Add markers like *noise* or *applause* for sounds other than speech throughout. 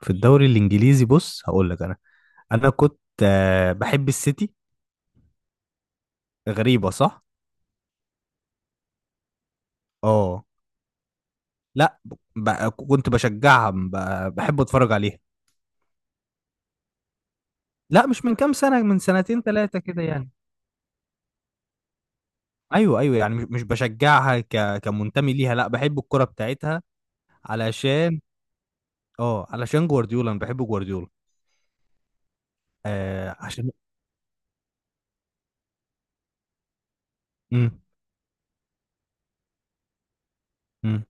في الدوري الانجليزي، بص هقول لك انا كنت بحب السيتي. غريبه، صح. اه. لا. كنت بشجعها، بحب اتفرج عليها. لا، مش من كام سنه، من سنتين ثلاثه كده يعني. ايوه، ايوه، يعني مش بشجعها كمنتمي ليها، لا، بحب الكره بتاعتها. علشان. اه علشان جوارديولا، انا بحب جوارديولا. عشان. امم امم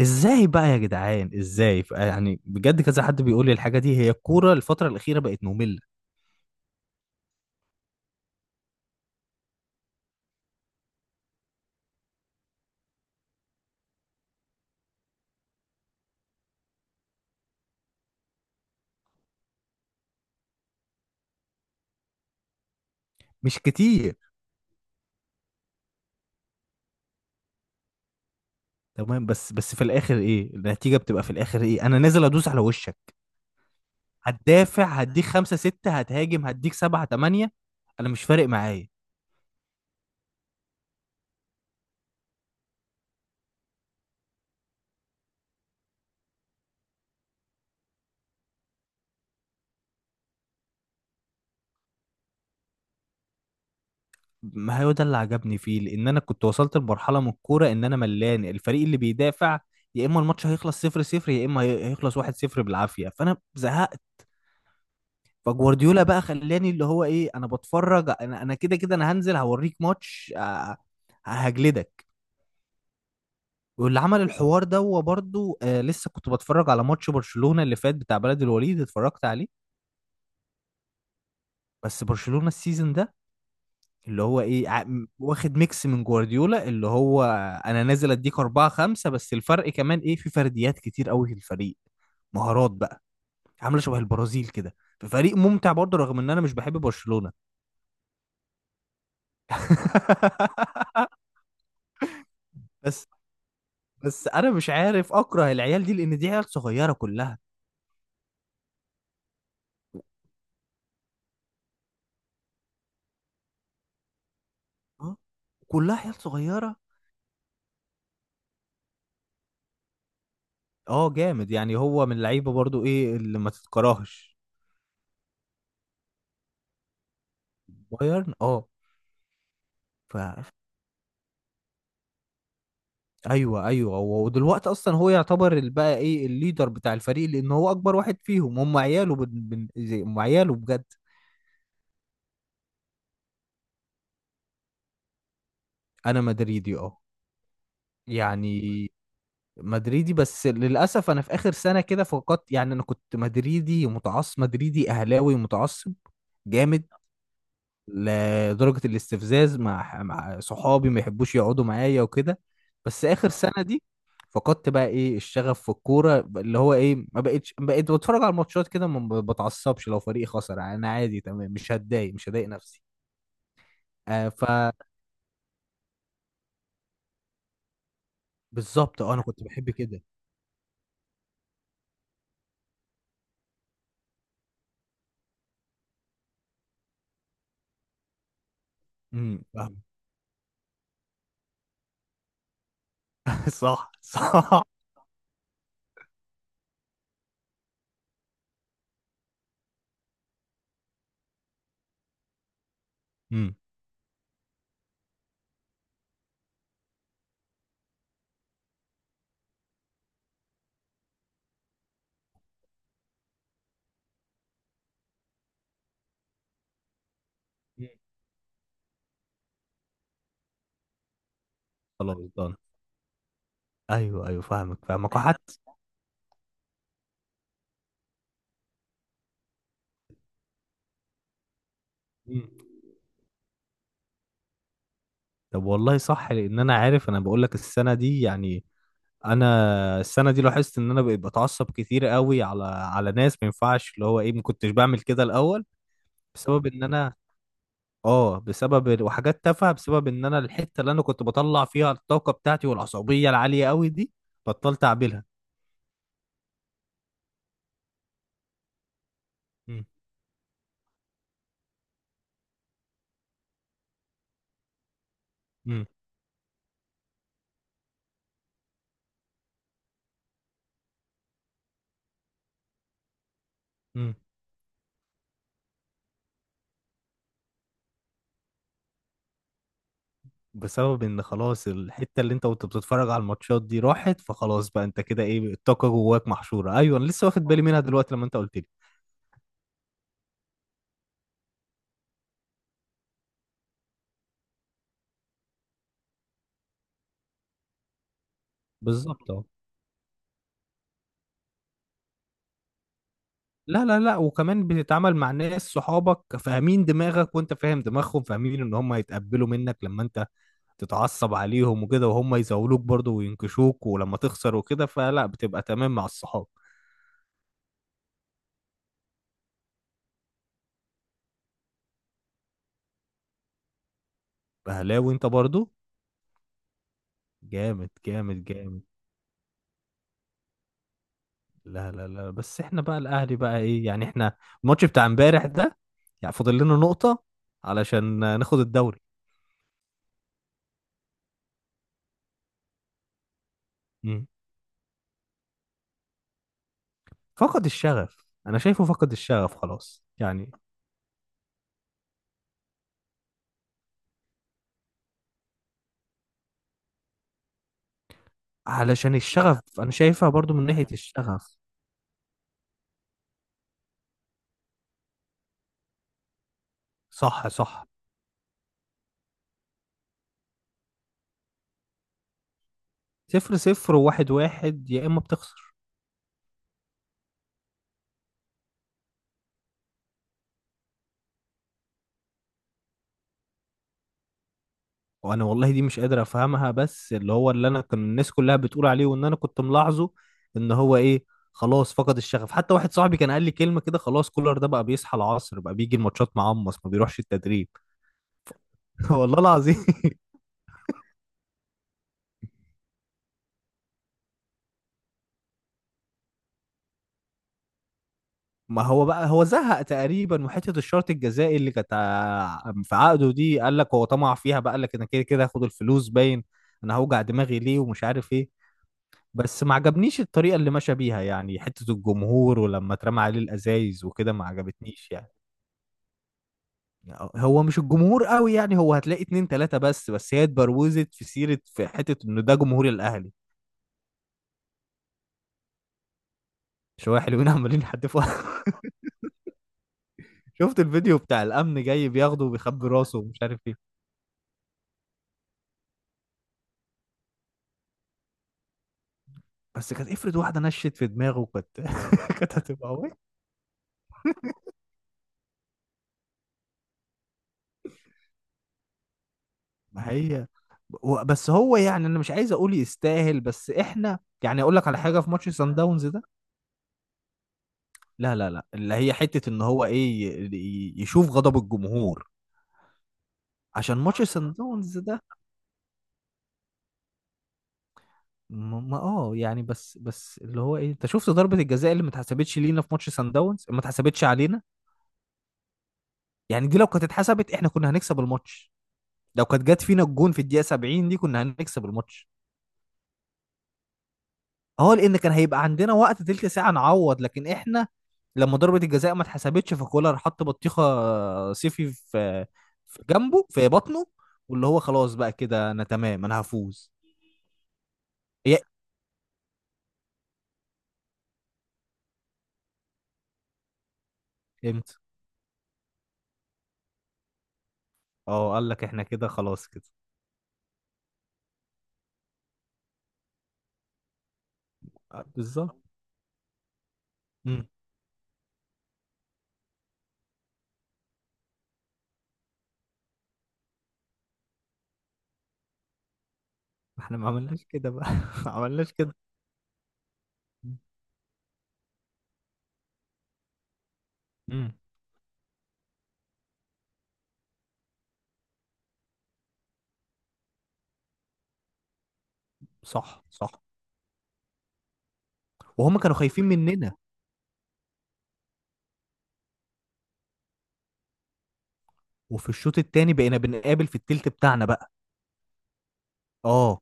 ازاي بقى يا جدعان؟ ازاي؟ يعني بجد، كذا حد بيقول لي الحاجه دي، هي الكوره الفتره الاخيره بقت ممله. مش كتير. تمام، بس في الاخر ايه النتيجه؟ بتبقى في الاخر ايه؟ انا نازل ادوس على وشك. هتدافع هديك خمسة ستة، هتهاجم هديك سبعة تمانية. انا مش فارق معايا. ما هو ده اللي عجبني فيه، لان انا كنت وصلت لمرحله من الكوره ان انا ملان الفريق اللي بيدافع. يا اما الماتش هيخلص 0-0، يا اما هيخلص 1-0 بالعافيه، فانا زهقت. فجوارديولا بقى خلاني اللي هو ايه، انا بتفرج. انا كده كده انا هنزل هوريك ماتش، هجلدك. واللي عمل الحوار ده هو برضه. لسه كنت بتفرج على ماتش برشلونة اللي فات بتاع بلد الوليد، اتفرجت عليه. بس برشلونة السيزون ده اللي هو ايه، واخد ميكس من جوارديولا اللي هو. انا نازل اديك أربعة خمسة، بس الفرق كمان ايه، في فرديات كتير قوي في الفريق. مهارات بقى. عاملة شبه البرازيل كده. فريق ممتع برضه رغم ان انا مش بحب برشلونة. *laughs* بس بس انا مش عارف اكره العيال دي، لان دي عيال صغيرة كلها. آه، كلها عيال صغيرة. اه جامد، يعني هو من اللعيبه برضو ايه اللي ما تتكرهش. بايرن، اه. ف ايوه، ايوه، ودلوقتي اصلا هو يعتبر بقى ايه الليدر بتاع الفريق، لان هو اكبر واحد فيهم، هم عياله بن... بن... زي- هم عياله بجد. انا مدريدي، اه. يعني مدريدي، بس للاسف انا في اخر سنه كده فقدت، يعني انا كنت مدريدي متعصب، مدريدي اهلاوي متعصب. جامد. لدرجه الاستفزاز مع صحابي ما يحبوش يقعدوا معايا وكده. بس اخر سنه دي فقدت بقى ايه الشغف في الكوره، اللي هو ايه، ما بقتش، بقيت بتفرج على الماتشات كده، ما بتعصبش لو فريقي خسر. يعني انا عادي، تمام، مش هتضايق، مش هضايق نفسي. آه، فبالظبط، انا كنت بحب كده. فاهم. *laughs* صح، صح. امم خلاص دان. ايوه، ايوه، فاهمك فاهمك، وحتى. مم. طب والله صح، لان انا عارف، انا بقول لك السنه دي يعني. انا السنه دي لاحظت ان انا بقيت بتعصب كتير قوي على ناس ما ينفعش، اللي هو ايه، ما كنتش بعمل كده الاول. بسبب ان انا اه بسبب وحاجات تافهه، بسبب ان انا الحته اللي انا كنت بطلع فيها الطاقه بتاعتي والعصبيه العاليه قوي دي بطلت اعملها. مم. مم. مم. بسبب ان خلاص الحته اللي انت كنت بتتفرج على الماتشات دي راحت، فخلاص بقى انت كده ايه، الطاقه جواك محشوره. ايوه، انا لسه واخد بالي منها دلوقتي لما انت قلت لي. بالظبط، اه. لا، لا، لا، وكمان بتتعامل مع ناس صحابك، فاهمين دماغك وانت فاهم دماغهم، فاهمين ان هم هيتقبلوا منك لما انت تتعصب عليهم وكده، وهم يزاولوك برضو وينكشوك، ولما تخسر وكده فلا، بتبقى تمام مع الصحاب. اهلاوي انت برضو. جامد جامد جامد. لا، لا، لا، بس احنا بقى الاهلي بقى ايه يعني، احنا الماتش بتاع امبارح ده، يعني فاضل لنا نقطة علشان ناخد الدوري. مم. فقد الشغف، انا شايفه فقد الشغف خلاص يعني. علشان الشغف، انا شايفها برضو من ناحية الشغف. صح، صح. 0-0 وواحد واحد يا اما بتخسر. وانا والله دي مش قادر افهمها، بس اللي هو اللي انا كان الناس كلها بتقول عليه، وان انا كنت ملاحظه ان هو ايه، خلاص فقد الشغف. حتى واحد صاحبي كان قال لي كلمة كده، خلاص كولر ده بقى بيصحى العصر، بقى بيجي الماتشات معمص، ما بيروحش التدريب. *laughs* والله العظيم. ما هو بقى هو زهق تقريبا، وحتة الشرط الجزائي اللي كانت في عقده دي، قال لك هو طمع فيها بقى، قال لك انا كده كده هاخد الفلوس باين، انا هوجع دماغي ليه ومش عارف ايه. بس ما عجبنيش الطريقة اللي مشى بيها، يعني حتة الجمهور ولما اترمى عليه الأزايز وكده ما عجبتنيش يعني. هو مش الجمهور قوي يعني، هو هتلاقي اتنين تلاتة بس، بس هي اتبروزت في سيرة في حتة إنه ده جمهور الأهلي. شوية حلوين عمالين يحدفوا. *laughs* شفت الفيديو بتاع الأمن جاي بياخده وبيخبي راسه ومش عارف إيه. بس كانت افرض واحدة نشت في دماغه، كانت. *laughs* كانت هتبقى وحشة. ما هي. بس هو يعني، أنا مش عايز أقول يستاهل، بس إحنا. يعني أقول لك على حاجة في ماتش سان داونز. لا، لا، لا، اللي هي حتة ان هو ايه، يشوف غضب الجمهور. عشان ماتش سان داونز ده. اه يعني، بس اللي هو ايه، انت شفت ضربة الجزاء اللي ما اتحسبتش لينا في ماتش سان داونز، ما اتحسبتش علينا؟ يعني دي لو كانت اتحسبت، احنا كنا هنكسب الماتش. لو كانت جت فينا الجون في الدقيقة 70 دي، كنا هنكسب الماتش. اه، لان كان هيبقى عندنا وقت تلت ساعه نعوض. لكن احنا لما ضربه الجزاء ما اتحسبتش، فكولر حط بطيخه صيفي في في جنبه، في بطنه، واللي هو خلاص بقى كده انا تمام، انا هفوز. يا امتى. اه، قال لك احنا كده خلاص كده. آه، بالظبط. امم احنا ما عملناش كده بقى. *laughs* ما عملناش كده. امم صح، صح. وهم كانوا خايفين مننا. وفي الشوط التاني بقينا بنقابل في التلت بتاعنا بقى. اه،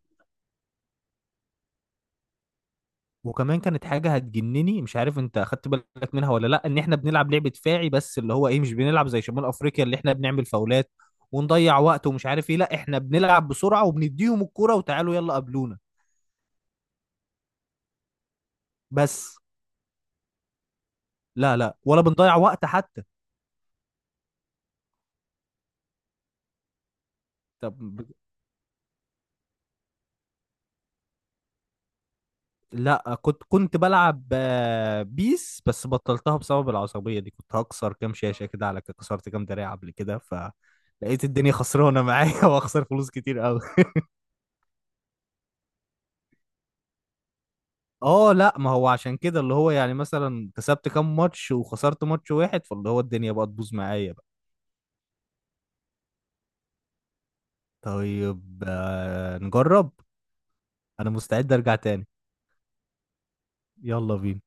وكمان كانت حاجة هتجنني، مش عارف انت اخدت بالك منها ولا لا، ان احنا بنلعب لعبة دفاعي بس اللي هو ايه، مش بنلعب زي شمال افريقيا اللي احنا بنعمل فاولات ونضيع وقت ومش عارف ايه، لا احنا بنلعب بسرعة وبنديهم الكرة وتعالوا يلا قابلونا. بس. لا، لا، ولا بنضيع وقت حتى. طب لا، كنت بلعب، بيس، بس بطلتها بسبب العصبية دي، كنت هكسر كام شاشة كده على كده، كسرت كام دراع قبل كده، فلقيت الدنيا خسرانة معايا *laughs* واخسر فلوس كتير. اه، لا ما هو عشان كده اللي هو يعني مثلا كسبت كام ماتش وخسرت ماتش واحد، فاللي هو الدنيا بقى تبوظ معايا بقى. طيب، نجرب. انا مستعد ارجع تاني. يلا بينا.